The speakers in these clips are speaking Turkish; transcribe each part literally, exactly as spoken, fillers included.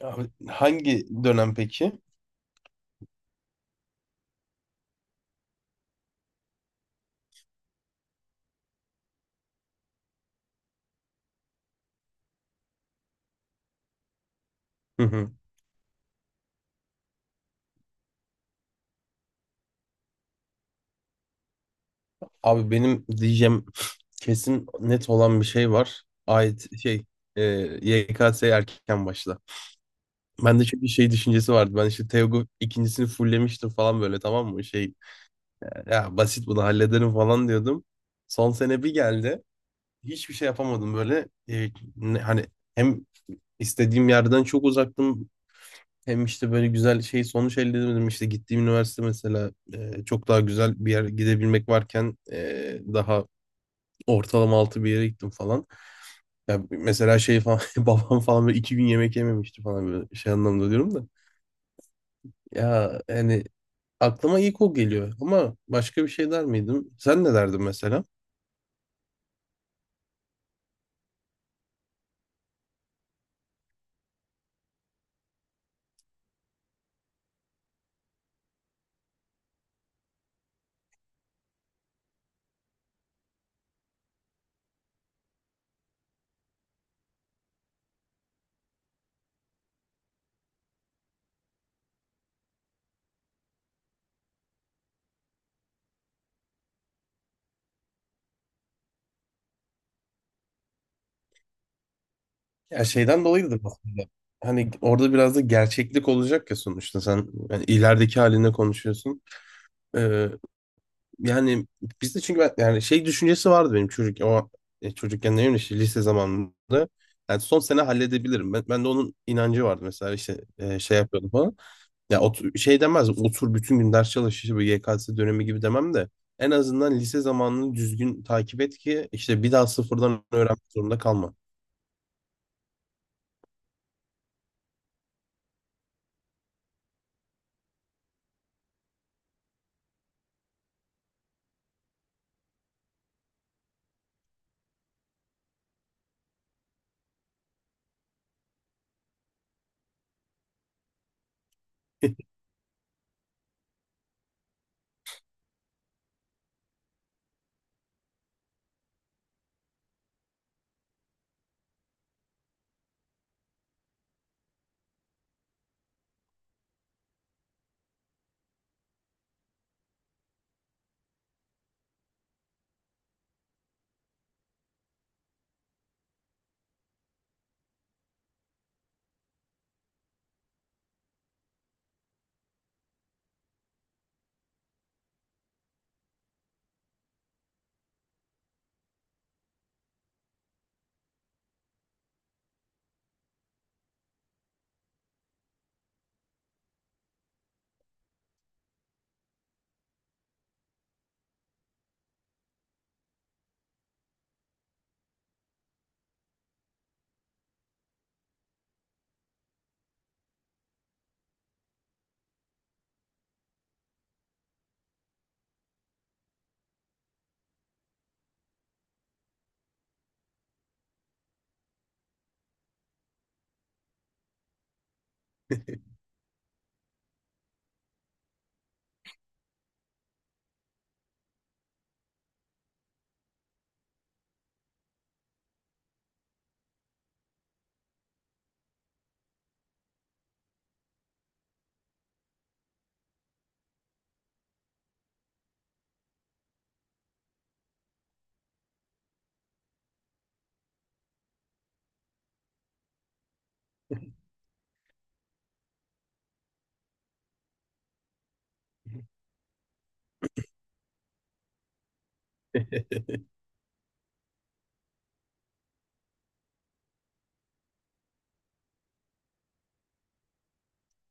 Abi hangi dönem peki? Hı hı. Abi benim diyeceğim kesin net olan bir şey var. Ait şey e, Y K S erken başla. Ben de çünkü şey düşüncesi vardı. Ben işte Teogu ikincisini fulllemiştim falan böyle, tamam mı? Şey, ya basit bunu hallederim falan diyordum. Son sene bir geldi. Hiçbir şey yapamadım böyle. E, ne- hani hem istediğim yerden çok uzaktım. Hem işte böyle güzel şey sonuç elde edemedim. İşte gittiğim üniversite mesela e, çok daha güzel bir yer gidebilmek varken e, daha ortalama altı bir yere gittim falan. Ya mesela şey falan babam falan böyle iki gün yemek yememişti falan böyle şey anlamda diyorum da. Ya hani aklıma ilk o geliyor ama başka bir şey der miydim? Sen ne derdin mesela? Ya şeyden dolayıdır aslında. Hani orada biraz da gerçeklik olacak ya, sonuçta sen yani ilerideki haline konuşuyorsun. Ee, Yani bizde çünkü ben, yani şey düşüncesi vardı benim çocuk o e, çocukken ne bileyim işte lise zamanında. Yani son sene halledebilirim. Ben, ben de onun inancı vardı mesela işte e, şey yapıyordum falan. Ya otur, şey demez, otur bütün gün ders çalış işte bu Y K S dönemi gibi demem de en azından lise zamanını düzgün takip et ki işte bir daha sıfırdan öğrenmek zorunda kalma.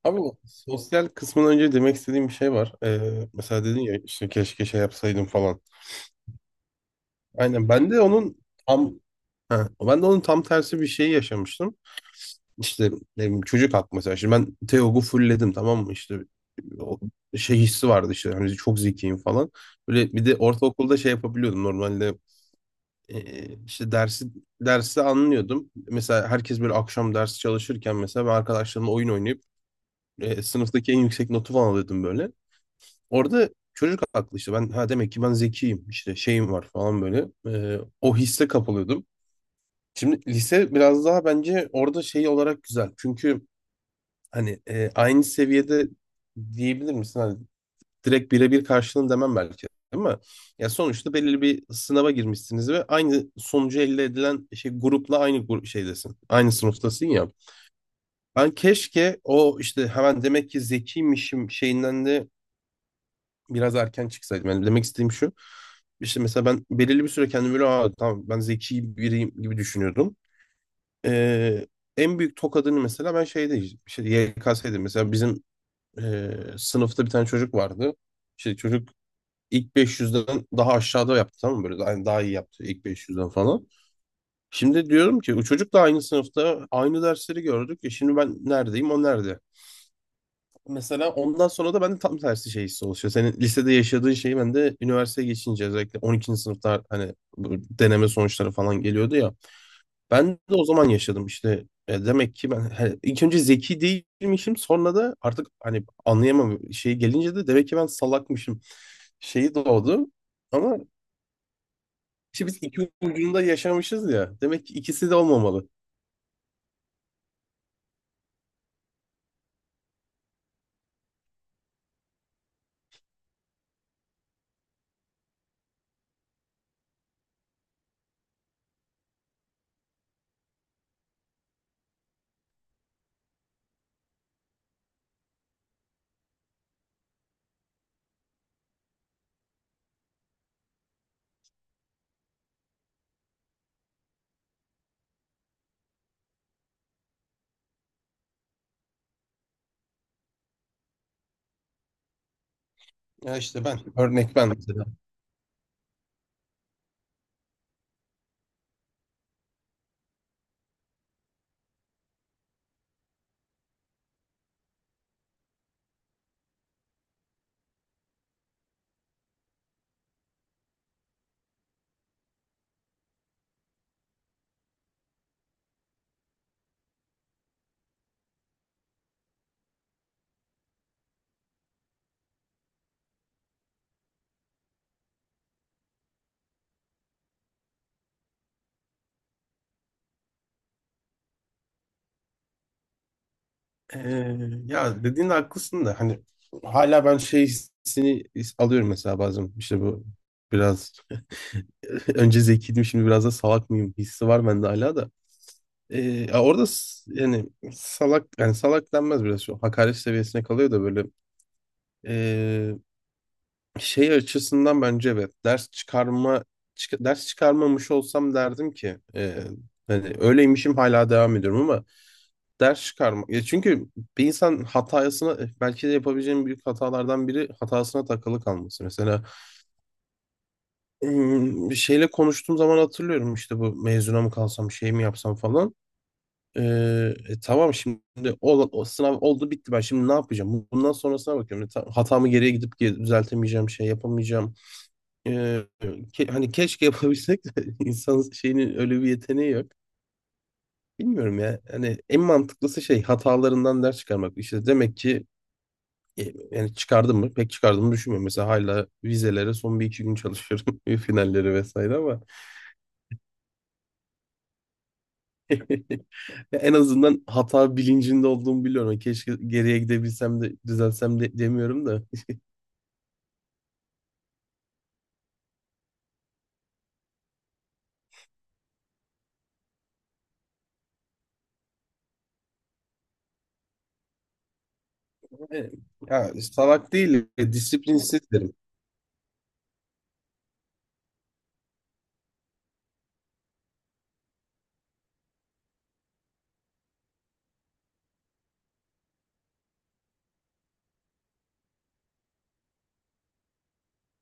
Abi bu sosyal kısmından önce demek istediğim bir şey var. Ee, mesela dedin ya işte keşke şey yapsaydım falan. Aynen, ben de onun tam ha, ben de onun tam tersi bir şeyi yaşamıştım. İşte ne bileyim, çocuk haklı mesela. Şimdi ben Teog'u fullledim, tamam mı? İşte o şey hissi vardı işte hani çok zekiyim falan. Böyle bir de ortaokulda şey yapabiliyordum normalde, e, işte dersi dersi anlıyordum. Mesela herkes böyle akşam ders çalışırken mesela ben arkadaşlarımla oyun oynayıp e, sınıftaki en yüksek notu falan alıyordum böyle. Orada çocuk haklı, işte ben ha demek ki ben zekiyim işte şeyim var falan böyle. E, o hisse kapılıyordum. Şimdi lise biraz daha bence orada şey olarak güzel. Çünkü hani e, aynı seviyede diyebilir misin? Hani direkt birebir karşılığını demem belki ama ya sonuçta belirli bir sınava girmişsiniz ve aynı sonucu elde edilen şey grupla aynı grup şeydesin. Aynı sınıftasın ya. Ben keşke o işte hemen demek ki zekiymişim şeyinden de biraz erken çıksaydım. Yani demek istediğim şu. İşte mesela ben belirli bir süre kendimi böyle, aa, tamam ben zeki biriyim gibi düşünüyordum. Ee, En büyük tokadını mesela ben şeyde işte Y K S'de, mesela bizim e, sınıfta bir tane çocuk vardı. İşte çocuk ilk beş yüzden daha aşağıda yaptı, tamam mı? Böyle daha, daha iyi yaptı ilk beş yüzden falan. Şimdi diyorum ki o çocuk da aynı sınıfta aynı dersleri gördük. E şimdi ben neredeyim, o nerede? Mesela ondan sonra da bende tam tersi şey hissi oluşuyor. Senin lisede yaşadığın şeyi ben de üniversiteye geçince özellikle on ikinci sınıfta hani bu deneme sonuçları falan geliyordu ya. Ben de o zaman yaşadım işte. E, demek ki ben he, ilk önce zeki değilmişim, sonra da artık hani anlayamam şey gelince de demek ki ben salakmışım şeyi doğdu. Ama işte biz iki ucunda yaşamışız ya. Demek ki ikisi de olmamalı. Ya işte ben örnek ben mesela. Ee, Ya dediğin de haklısın da hani hala ben şey hissini alıyorum mesela bazen işte bu biraz önce zekiydim, şimdi biraz da salak mıyım hissi var bende hala da. Ee, ya orada s- yani salak, yani salak denmez, biraz şu hakaret seviyesine kalıyor da, böyle ee, şey açısından bence evet, ders çıkarma çık- ders çıkarmamış olsam derdim ki ee, hani öyleymişim hala devam ediyorum, ama ders çıkarma ya, çünkü bir insan hatasına, eh, belki de yapabileceğim büyük hatalardan biri hatasına takılı kalması mesela, hmm, bir şeyle konuştuğum zaman hatırlıyorum işte bu mezuna mı kalsam şey mi yapsam falan. Ee, e, tamam şimdi o, o sınav oldu bitti, ben şimdi ne yapacağım? Bundan sonrasına bakıyorum. E, Ta- Hatamı geriye gidip ge- düzeltemeyeceğim şey yapamayacağım. Ee, ke- Hani keşke yapabilsek de insanın şeyinin öyle bir yeteneği yok. Bilmiyorum ya. Hani en mantıklısı şey hatalarından ders çıkarmak. İşte demek ki e, yani çıkardım mı? Pek çıkardığımı düşünmüyorum. Mesela hala vizelere son bir iki gün çalışıyorum. Finalleri vesaire ama ya en azından hata bilincinde olduğumu biliyorum. Keşke geriye gidebilsem de düzelsem de demiyorum da. E, Ya salak değil, e, disiplinsiz derim.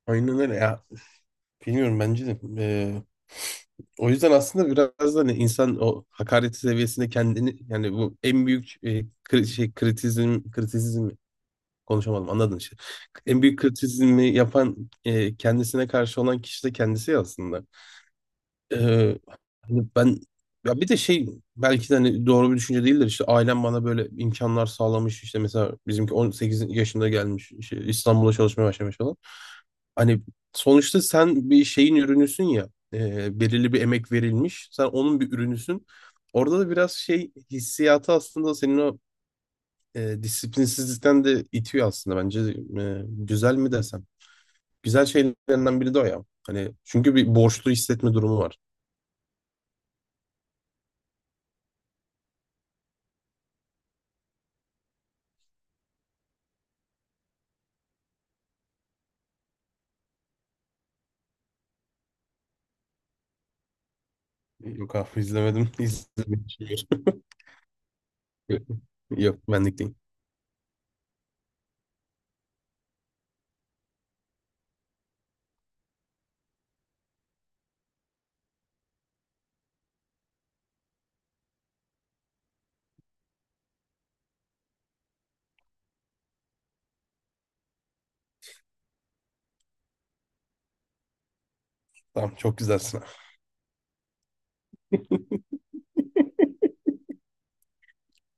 Aynen öyle ya. Bilmiyorum, bence de. E, o yüzden aslında biraz da hani insan o hakaret seviyesinde kendini yani bu en büyük e, kri- şey kritizm kritizm konuşamadım, anladın işte. En büyük kritizmi yapan e, kendisine karşı olan kişi de kendisi ya aslında. Ee, Hani ben, ya bir de şey belki de hani doğru bir düşünce değildir işte, ailem bana böyle imkanlar sağlamış işte, mesela bizimki on sekiz yaşında gelmiş işte İstanbul'a çalışmaya başlamış falan. Hani sonuçta sen bir şeyin ürünüsün ya, e, belirli bir emek verilmiş, sen onun bir ürünüsün. Orada da biraz şey hissiyatı aslında senin o e, disiplinsizlikten de itiyor aslında bence. E, güzel mi desem? Güzel şeylerinden biri de o ya. Hani çünkü bir borçlu hissetme durumu var. Yok abi, izlemedim. İzlemek için. Yok, benlik değil. Tamam, çok güzelsin